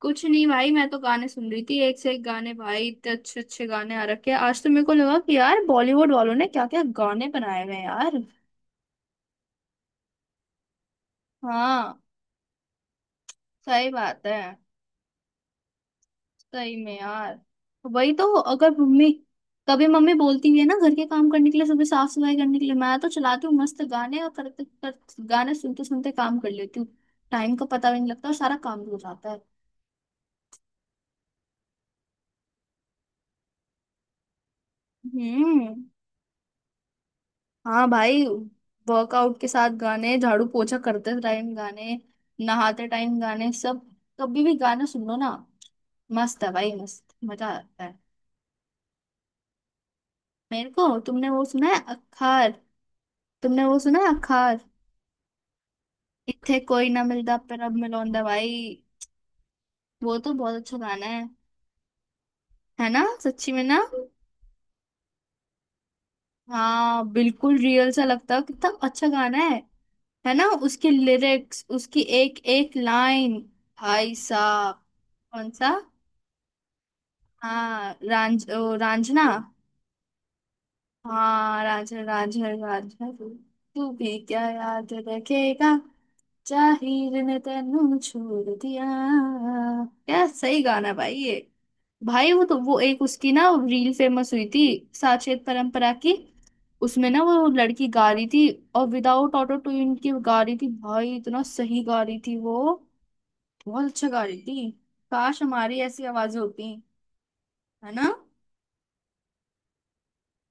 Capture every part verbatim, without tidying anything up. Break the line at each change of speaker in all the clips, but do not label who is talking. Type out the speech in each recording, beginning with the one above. कुछ नहीं भाई, मैं तो गाने सुन रही थी। एक से एक गाने भाई, इतने अच्छे अच्छे गाने आ रखे हैं। आज तो मेरे को लगा कि यार बॉलीवुड वालों ने क्या क्या गाने बनाए हुए हैं यार। हाँ, सही बात है। सही में यार। वही तो, अगर मम्मी कभी मम्मी बोलती भी है ना घर के काम करने के लिए, सुबह साफ सफाई करने के लिए, मैं तो चलाती हूँ मस्त गाने और करते करते, गाने सुनते सुनते काम कर लेती हूँ। टाइम का पता भी नहीं लगता और सारा काम भी हो जाता है। हम्म। हाँ भाई, वर्कआउट के साथ गाने, झाड़ू पोछा करते टाइम गाने, नहाते टाइम गाने, सब। कभी भी गाने सुन लो ना, मस्त है भाई, मस्त, मजा आता है। मेरे को, तुमने वो सुना है अखार? तुमने वो सुना है अखार? इत्थे कोई ना मिलता पर अब मिलौंदा भाई। वो तो बहुत अच्छा गाना है। है ना, सच्ची में ना? हाँ बिल्कुल, रियल सा लगता है। कितना अच्छा गाना है है ना, उसकी लिरिक्स, उसकी एक एक लाइन। भाई साहब! कौन सा? हाँ, रांझ ओ, रांझना। हाँ, रांझर रांझर रांझर। तू भी क्या याद रखेगा, जाहिर ने तेनू छोड़ दिया। क्या सही गाना भाई ये! भाई, वो तो, वो एक उसकी ना रील फेमस हुई थी, साचेत परंपरा की। उसमें ना वो लड़की गा रही थी, और विदाउट ऑटो ट्यून की गा रही थी भाई, इतना सही गा रही थी वो। बहुत अच्छा गा रही थी। काश हमारी ऐसी आवाजें होती। है ना।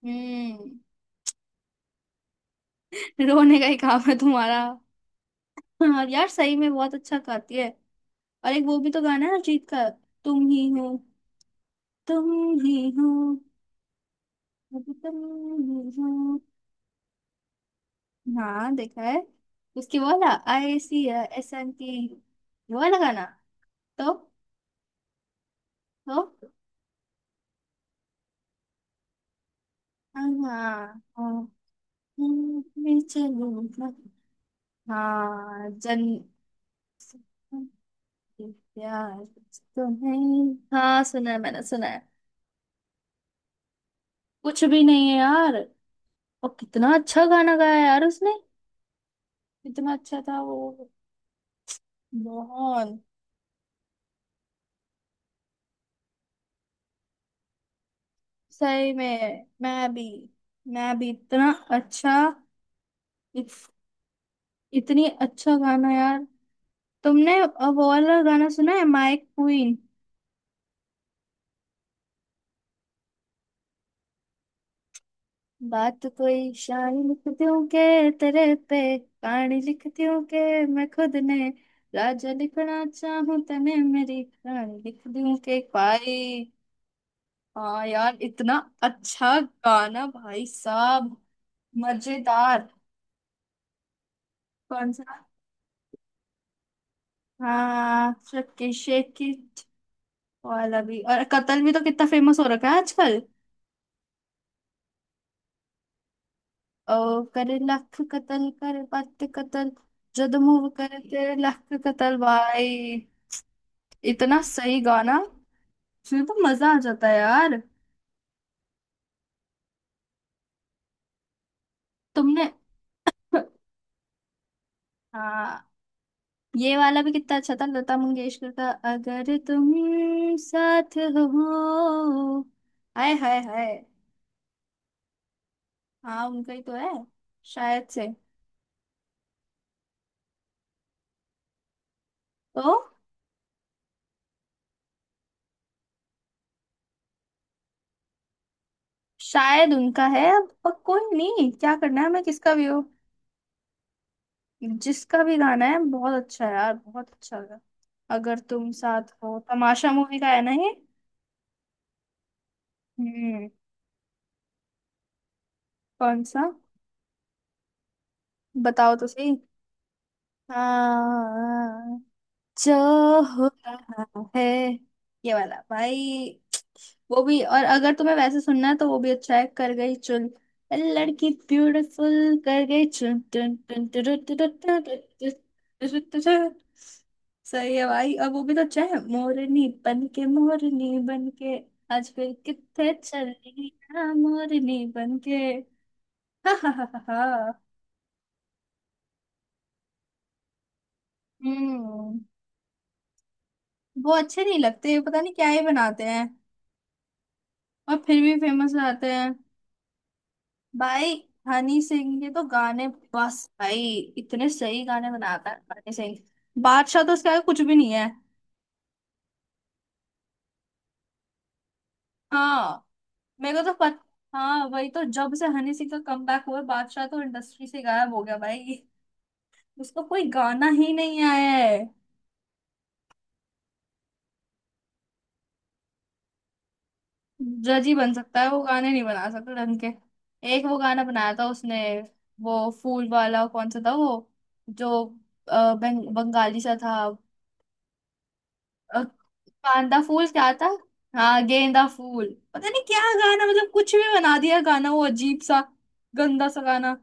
हम्म। रोने का ही काम है तुम्हारा। हाँ यार, सही में बहुत अच्छा गाती है। और एक वो भी तो गाना है अरिजीत का, तुम ही हो, तुम ही हो, अब तुम ही हो। हाँ देखा है। उसकी वो वाला, I C S N T वो वाला गाना। तो तो हाँ हाँ, मैं चलूंगा। हाँ जन, प्यार तुम्हें। हाँ, सुना है, मैंने सुना है। कुछ भी नहीं है यार। और कितना अच्छा गाना गाया यार उसने, इतना अच्छा था वो। मोहन। सही में, मैं भी, मैं भी इतना अच्छा। इत, इतनी अच्छा गाना यार। तुमने अब वो वाला गाना सुना है, माय क्वीन? बात तो कोई शायरी लिखती हूँ के तेरे पे, कहानी लिखती हूँ के मैं खुद ने राजा लिखना चाहूँ, तने मेरी रानी लिख दूँ के भाई। हाँ यार, इतना अच्छा गाना भाई साहब, मजेदार। कौन सा? हाँ, शक्की शेकी वाला भी, और कतल भी तो कितना फेमस हो रखा है आजकल। ओ करे लख कतल, करे पत्ते कतल, जद मूव करे तेरे लख कतल भाई। इतना सही गाना, सुन तो मजा आ जाता है यार। तुमने हाँ, ये वाला भी कितना अच्छा था, लता मंगेशकर का, अगर तुम साथ हो। हाय हाय हाय। हाँ उनका ही तो है शायद से। तो शायद उनका है, अब पर कोई नहीं, क्या करना है हमें किसका भी हो। जिसका भी गाना है, बहुत अच्छा है यार, बहुत अच्छा लगा। अगर तुम साथ हो तमाशा मूवी का है ना ये? हम्म। कौन सा? बताओ तो सही। हाँ, जो हो रहा है, ये वाला भाई। वो भी, और अगर तुम्हें वैसे सुनना है तो वो भी अच्छा है, कर गई चुन, लड़की ब्यूटीफुल कर गई चुन, टुन टुन टुरु टुरु टुरु टुरु, टुरु टुरु। सही है भाई। और वो भी तो अच्छा है, मोरनी बन के, मोरनी बन के, आज फिर कितने चली ना मोरनी बन के। हा हा हा हा हा। हम्म। वो अच्छे नहीं लगते, पता नहीं क्या ही बनाते हैं और फिर भी फेमस आते हैं। भाई, हनी सिंह के तो गाने बस भाई, इतने सही गाने बनाता है हनी सिंह। बादशाह तो उसका कुछ भी नहीं है। हाँ, मेरे को तो पत, हाँ वही तो, जब से हनी सिंह का कमबैक हुआ है, बादशाह तो इंडस्ट्री से गायब हो गया भाई, उसका कोई गाना ही नहीं आया है। जज ही बन सकता है वो, गाने नहीं बना सकता ढंग के। एक वो गाना बनाया था उसने, वो फूल वाला, कौन सा था वो, जो अ, बंग, बंगाली सा था। अ, कांदा फूल क्या था? हाँ, गेंदा फूल। पता नहीं क्या गाना, मतलब कुछ भी बना दिया गाना, वो अजीब सा, गंदा सा गाना।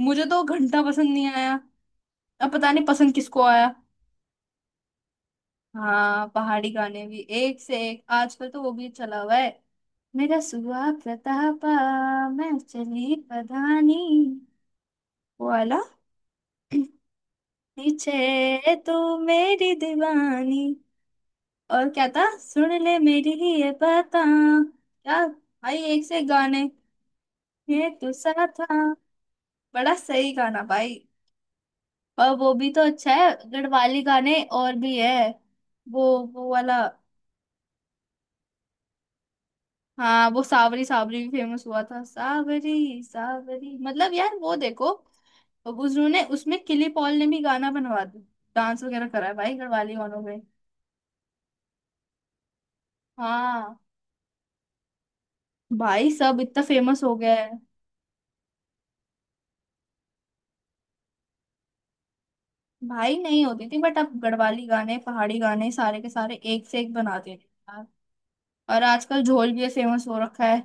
मुझे तो घंटा पसंद नहीं आया। अब पता नहीं पसंद किसको आया। हाँ, पहाड़ी गाने भी एक से एक, आजकल तो वो भी चला हुआ है। मेरा सुआ प्रतापा, मैं चली पधानी, वो वाला। पीछे तू, मेरी दीवानी। और क्या था, सुन ले मेरी, ये पता, क्या भाई, एक से एक गाने। ये तुसा था। बड़ा सही गाना भाई। और वो भी तो अच्छा है, गढ़वाली गाने और भी है। वो वो वाला। हाँ, वो सावरी सावरी भी फेमस हुआ था, सावरी सावरी। मतलब यार, वो देखो, अब उन्होंने उसमें किली पॉल ने भी गाना बनवा दिया, डांस वगैरह करा है भाई गढ़वाली गानों में। हाँ भाई, सब इतना फेमस हो गया है। भाई नहीं होती थी, बट अब गढ़वाली गाने, पहाड़ी गाने, सारे के सारे एक से एक बना देते हैं यार। और आजकल झोल भी फेमस हो रखा है।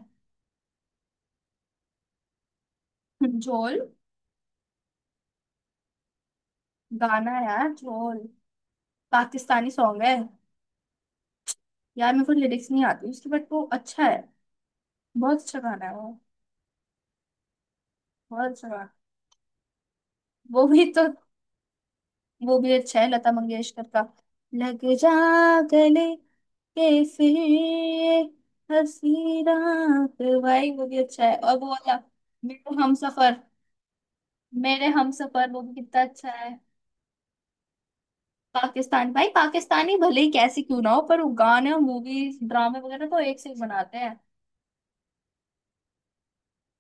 झोल। गाना है यार, झोल, पाकिस्तानी सॉन्ग है। यार मेरे को लिरिक्स नहीं आती उसकी, बट वो अच्छा है, बहुत अच्छा गाना है वो, बहुत अच्छा गाना। वो भी तो वो भी अच्छा है, लता मंगेशकर का, लग जा गले के फिर हंसी रात, भाई वो भी अच्छा है। और वो वाला, मेरे हम सफर, मेरे हम सफर, वो भी कितना अच्छा है। पाकिस्तान भाई, पाकिस्तानी भले ही कैसी क्यों ना हो, पर वो गाने और मूवीज, ड्रामे वगैरह तो एक से एक बनाते हैं।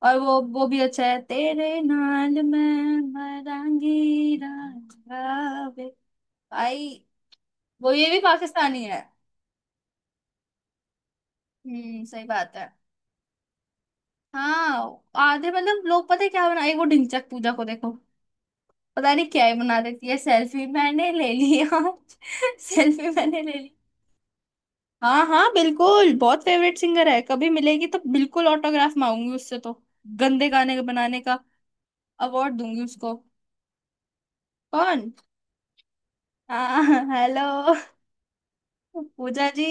और वो वो भी अच्छा है, तेरे नाल मैं मरांगी राजा वे, भाई। वो ये भी पाकिस्तानी है। हम्म, सही बात है। हाँ आधे, मतलब लोग पता है क्या बनाए, वो ढिंचक पूजा को देखो, पता नहीं क्या ही बना देती है, सेल्फी मैंने ले ली आज सेल्फी मैंने ले ली। हाँ हाँ बिल्कुल, बहुत फेवरेट सिंगर है, कभी मिलेगी तो बिल्कुल ऑटोग्राफ मांगूंगी उससे तो, गंदे गाने बनाने का अवार्ड दूंगी उसको। कौन? हाँ, हेलो पूजा जी,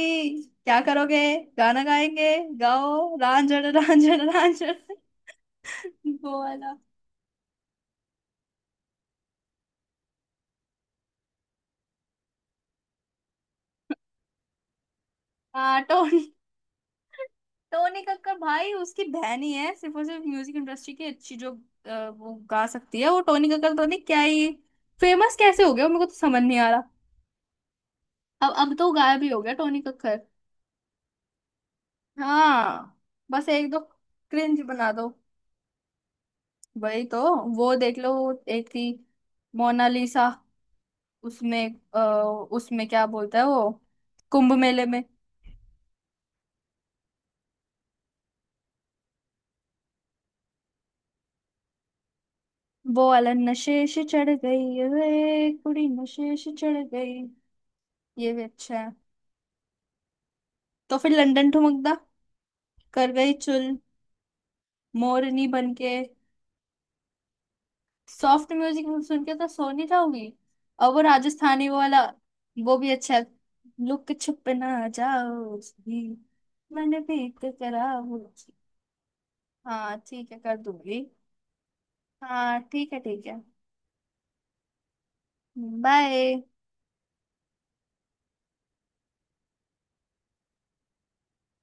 क्या करोगे, गाना गाएंगे, गाओ रांझण रांझण रांझण, वो वाला। हाँ, टोनी, टोनी कक्कर, भाई उसकी बहन ही है सिर्फ और सिर्फ म्यूजिक इंडस्ट्री की अच्छी, जो अ, वो गा सकती है। वो टोनी कक्कर पता नहीं क्या ही, फेमस कैसे हो गया, मेरे को तो समझ नहीं आ रहा। अब अब तो गायब ही हो गया टोनी कक्कर। हाँ, बस एक दो क्रिंज बना दो, वही तो, वो देख लो, एक थी मोनालिसा, उसमें अ, उसमें क्या बोलता है वो, कुंभ मेले में, वो वाला। नशे से चढ़ गई रे कुड़ी, नशे से चढ़ गई। ये भी अच्छा है। तो फिर लंदन ठुमकदा, कर गई चुल मोरनी बन के। सॉफ्ट म्यूजिक सुन के तो सो नहीं जाओगी। और वो राजस्थानी वो वाला, वो भी अच्छा है, लुक छुप ना जाओ उसकी, मैंने भी तो करा वो। हाँ ठीक है, कर दूंगी। हाँ ठीक है, ठीक है। बाय।